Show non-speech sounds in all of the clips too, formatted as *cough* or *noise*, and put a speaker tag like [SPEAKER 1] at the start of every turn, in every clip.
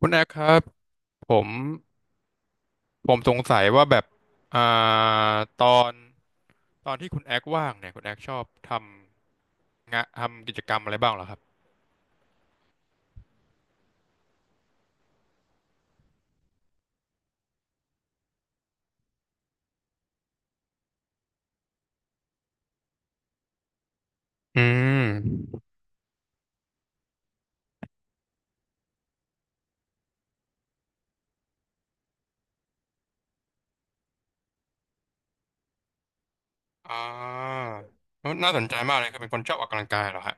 [SPEAKER 1] คุณแอคครับผมผมสงสัยว่าแบบอ่าตอนตอนที่คุณแอคว่างเนี่ยคุณแอคชอบทำงะทำกิจกรรมอะไรบ้างเหรอครับอืมอ่าน่าสนใจมากเลยคือเป็นคนชอบออกกำลังกายเหรอฮะ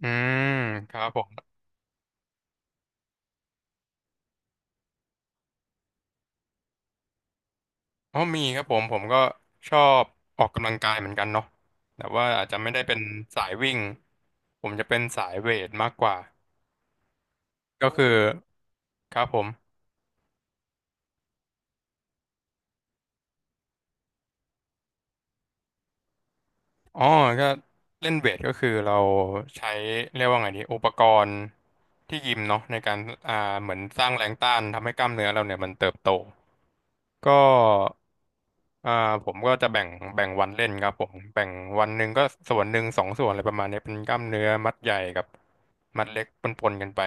[SPEAKER 1] อืมครับผมอ๋อมีครับผมผมก็ชอบออกกำลังกายเหมือนกันเนาะแต่ว่าอาจจะไม่ได้เป็นสายวิ่งผมจะเป็นสายเวทมากกว่าก็คือครับผม อ๋อก็เล่นเวทก็คือเราใช้เรียกว่าไงดีอุปกรณ์ที่ยิมเนาะในการอ่าเหมือนสร้างแรงต้านทำให้กล้ามเนื้อเราเนี่ยมันเติบโตก็อ่าผมก็จะแบ่งแบ่งวันเล่นครับผมแบ่งวันหนึ่งก็ส่วนหนึ่งสองส่วนอะไรประมาณนี้เป็นกล้ามเนื้อมัดใหญ่กับมัดเล็กปนๆกันไป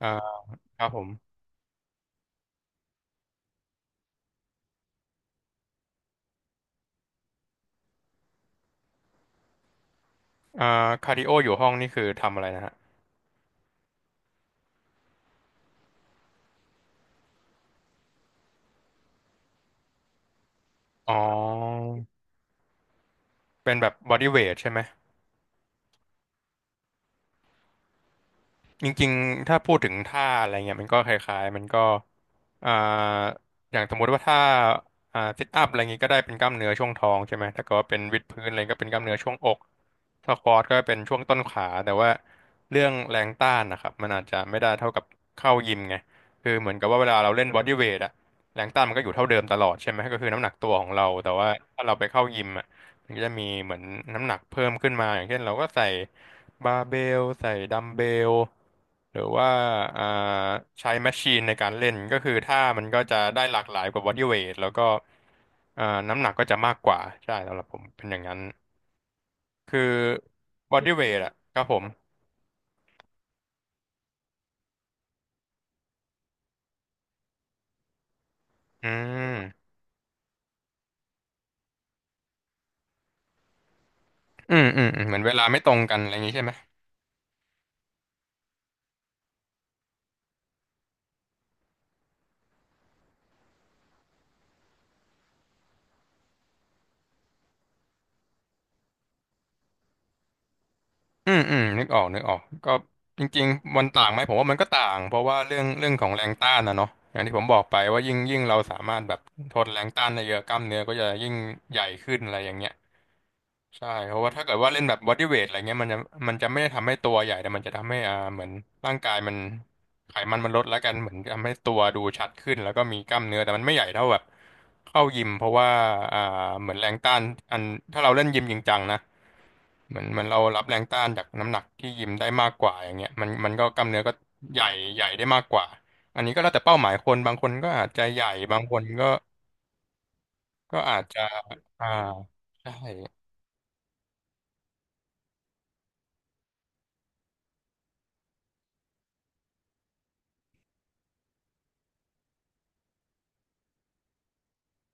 [SPEAKER 1] อ่าครับผมอ่าคาร์ดิโออยู่ห้องนี่คือทำอะไรนะฮะอ๋อเป็นแบบบอดี้เวทใช่ไหม จริงๆ ถ้าพูดถึงท่าอะไรเงี้ยมันก็คล้ายๆ มันก็อ่าอย่างสมมติว่าถ้าซิทอัพอะไรเงี้ยก็ได้เป็นกล้ามเนื้อช่วงท้องใช่ไหมถ้าเกิดว่าเป็นวิดพื้นอะไรก็เป็นกล้ามเนื้อช่วงอกสควอตก็เป็นช่วงต้นขาแต่ว่าเรื่องแรงต้านนะครับมันอาจจะไม่ได้เท่ากับเข้ายิมไงคือเหมือนกับว่าเวลาเราเล่นบอดี้เวทอะแรงต้านมันก็อยู่เท่าเดิมตลอดใช่ไหมก็คือน้ำหนักตัวของเราแต่ว่าถ้าเราไปเข้ายิมอะ มันก็จะมีเหมือนน้ำหนักเพิ่มขึ้นมาอย่างเช่นเราก็ใส่บาร์เบลใส่ดัมเบลหรือว่าอ่าใช้แมชชีนในการเล่นก็คือท่ามันก็จะได้หลากหลายกว่าบอดี้เวทแล้วก็อ่าน้ำหนักก็จะมากกว่าใช่สำหรับผมเป็นอย่างนั้นคือบอดี้เวทอะครับผมอืมอืมอืมอืมเหมือนเวลาไม่ตรงกันอะไรอย่างนี้ใช่ไหม อืมอืมนึกออกนึกออกก็จริงๆมันต่างไหมผมว่ามันก็ต่างเพราะว่าเรื่องเรื่องของแรงต้านนะเนาะอย่างที่ผมบอกไปว่ายิ่งยิ่งเราสามารถแบบทนแรงต้านได้เยอะกล้ามเนื้อก็จะยิ่งใหญ่ขึ้นอะไรอย่างเงี้ย ใช่เพราะว่าถ้าเกิดว่าเล่นแบบบอดี้เวทอะไรเงี้ยมันจะมันจะไม่ได้ทำให้ตัวใหญ่แต่มันจะทำให้เหมือนร่างกายมันไขมันมันลดแล้วกันเหมือนทำให้ตัวดูชัดขึ้นแล้วก็มีกล้ามเนื้อแต่มันไม่ใหญ่เท่าแบบเข้ายิมเพราะว่าอ่าเหมือนแรงต้านอันถ้าเราเล่นยิมจริงจังนะเหมือนเหมันเรารับแรงต้านจากน้ำหนักที่ยิมได้มากกว่าอย่างเงี้ยมันมันก็กล้ามเนื้อก็ใหญ่ใหญ่ได้มากกว่าอันนี้ก็แล้วแต่เป้าหมายคนบางคนก็อาจจะใหญ่บางคนก็ก็อาจจะอ่าใช่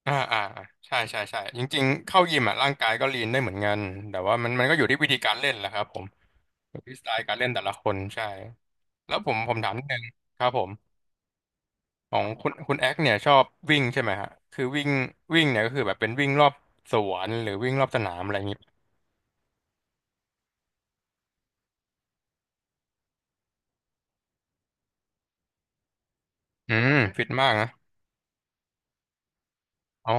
[SPEAKER 1] อ่าอ่าใช่ใช่ใช่จริงๆเข้ายิมอ่ะร่างกายก็ลีนได้เหมือนกันแต่ว่ามันมันก็อยู่ที่วิธีการเล่นแหละครับผมอยู่ที่สไตล์การเล่นแต่ละคนใช่แล้วผมผมถามนิดนึงครับผมของคุณคุณแอคเนี่ยชอบวิ่งใช่ไหมฮะคือวิ่งวิ่งเนี่ยก็คือแบบเป็นวิ่งรอบสวนหรือวิ่งรอบสนามอะไรอย่างงี้อืมฟิตมากนะอ๋อ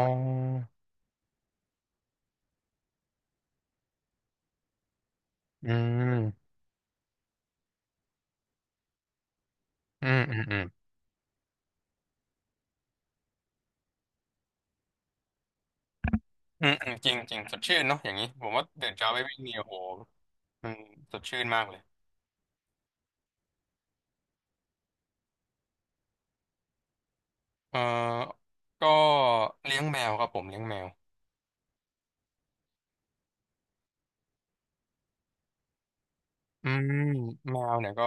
[SPEAKER 1] อืมอืมอืมอืมอืมอืมจริงจริงสดชื่นเนาะอย่างนี้ผมว่าตื่นเช้าไปวิ่งเนี่ยโอ้โหมันสดชื่นมากเลย เอ่อก็เลี้ยงแมวครับผมเลี้ยงแมวอืมแมวเนี่ยก็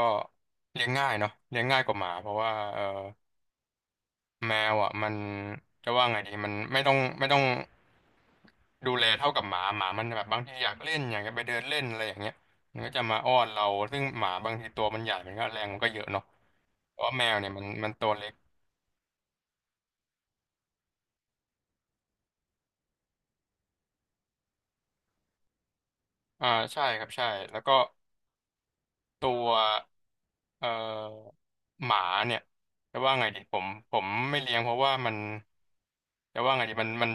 [SPEAKER 1] เลี้ยงง่ายเนาะเลี้ยงง่ายกว่าหมาเพราะว่าเออแมวอ่ะมันจะว่าไงดีมันไม่ต้องไม่ต้องดูแลเท่ากับหมาหมามันแบบบางทีอยากเล่นอยากจะไปเดินเล่นอะไรอย่างเงี้ยมันก็จะมาอ้อนเราซึ่งหมาบางทีตัวมันใหญ่มันก็แรงมันก็เยอะเนาะเพราะว่าแมวเนี่ยมันมันตัวเล็กอ่าใช่ครับใช่แล้วก็ตัวเอ่อหมาเนี่ยจะว่าไงดีผมผมไม่เลี้ยงเพราะว่ามัน แต่ว่าไงดีมันมัน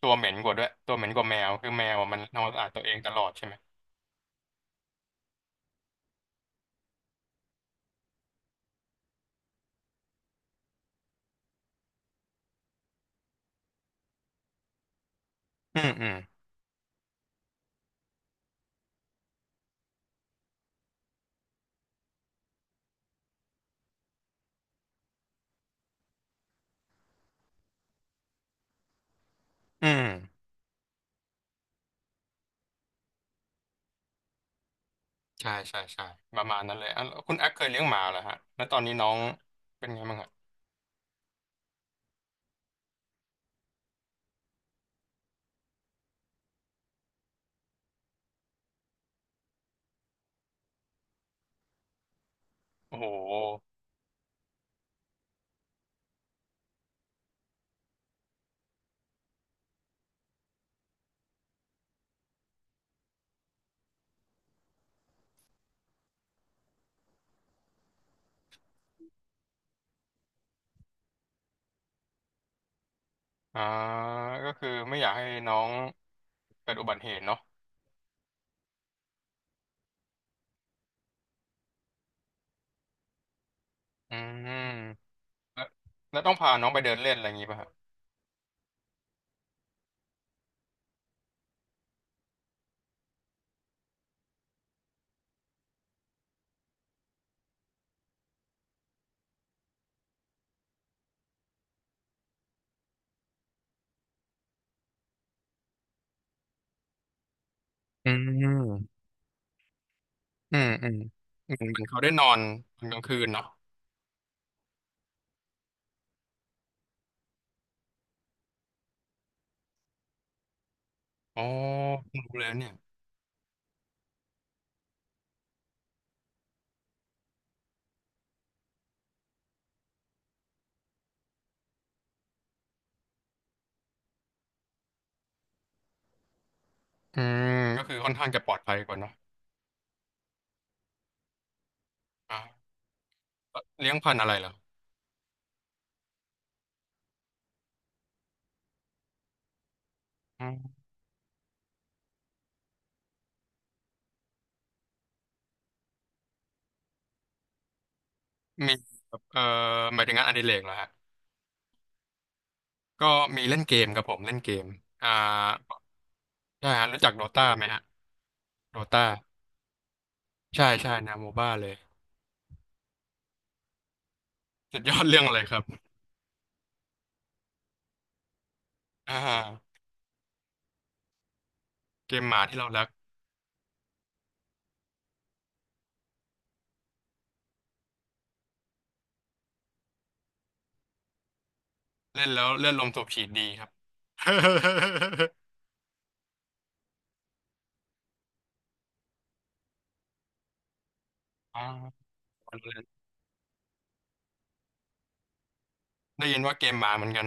[SPEAKER 1] ตัวเหม็นกว่าด้วยตัวเหม็นกว่าแมวคือแมวอะมันทำความสะอาดตัวเองตลอดใช่ไหมอืมอืมอืมใช่ใช่ใช่ประมาณนั้นเลยอ่ะแล้วคุณแอคเคยเลี้ยงหมาเหรอฮะแล้วตอนนี้น้องเป็นไงบ้างอะโอ้โหอ่าก็คือไม่อยากให้น้องเกิดอุบัติเหตุเนาะอืมแล้วแล้วต้องพาน้องไปเดินเล่นอะไรอย่างงี้ป่ะฮะอืมอืมอืมเหมือนเหมือนเขาได้นอนตอนกลางคืนเนาะอ๋อเพิ่งรู้เลยเนี่ยอืมก็คือค่อนข้างจะปลอดภัยกว่าเนาะอ่า เลี้ยงพันธุ์อะไรเหรออืมมีแบบหมายถึงงานอดิเรกเหรอฮะก็มีเล่นเกมครับผมเล่นเกม อ่าใช่ฮะรู้จักโดตาไหมฮะโดตาใช่ใช่แนวโมบ้าเลยสุดยอดเรื่องอะไรครับอ่าเกมหมาที่เรารักเล่นแล้วเลือดลมสูบฉีดดีครับ *laughs* อ่าได้ยินว่าเกมหมาเหมือนกัน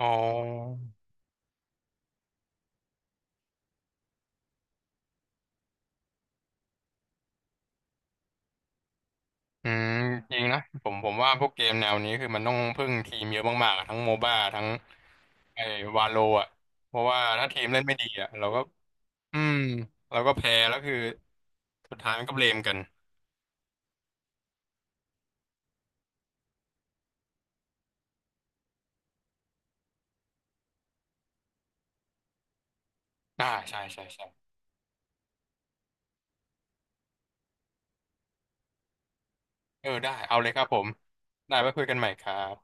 [SPEAKER 1] อ๋อ อืมจริงนะผมผมว่าพวกเกมแนวนี้คือมันต้องพึ่งทีมเยอะมากๆอะทั้งโมบ้าทั้งไอ้วาโลอ่ะเพราะว่าถ้าทีมเล่นไม่ดีอ่ะเราก็อืมเราก็แพ้แล้วคือสุดท้ายมันก็เบลมกันใช่ใช่ใช่เออได้เอาเลยครับผมได้ไว้คุยกันใหม่ครับ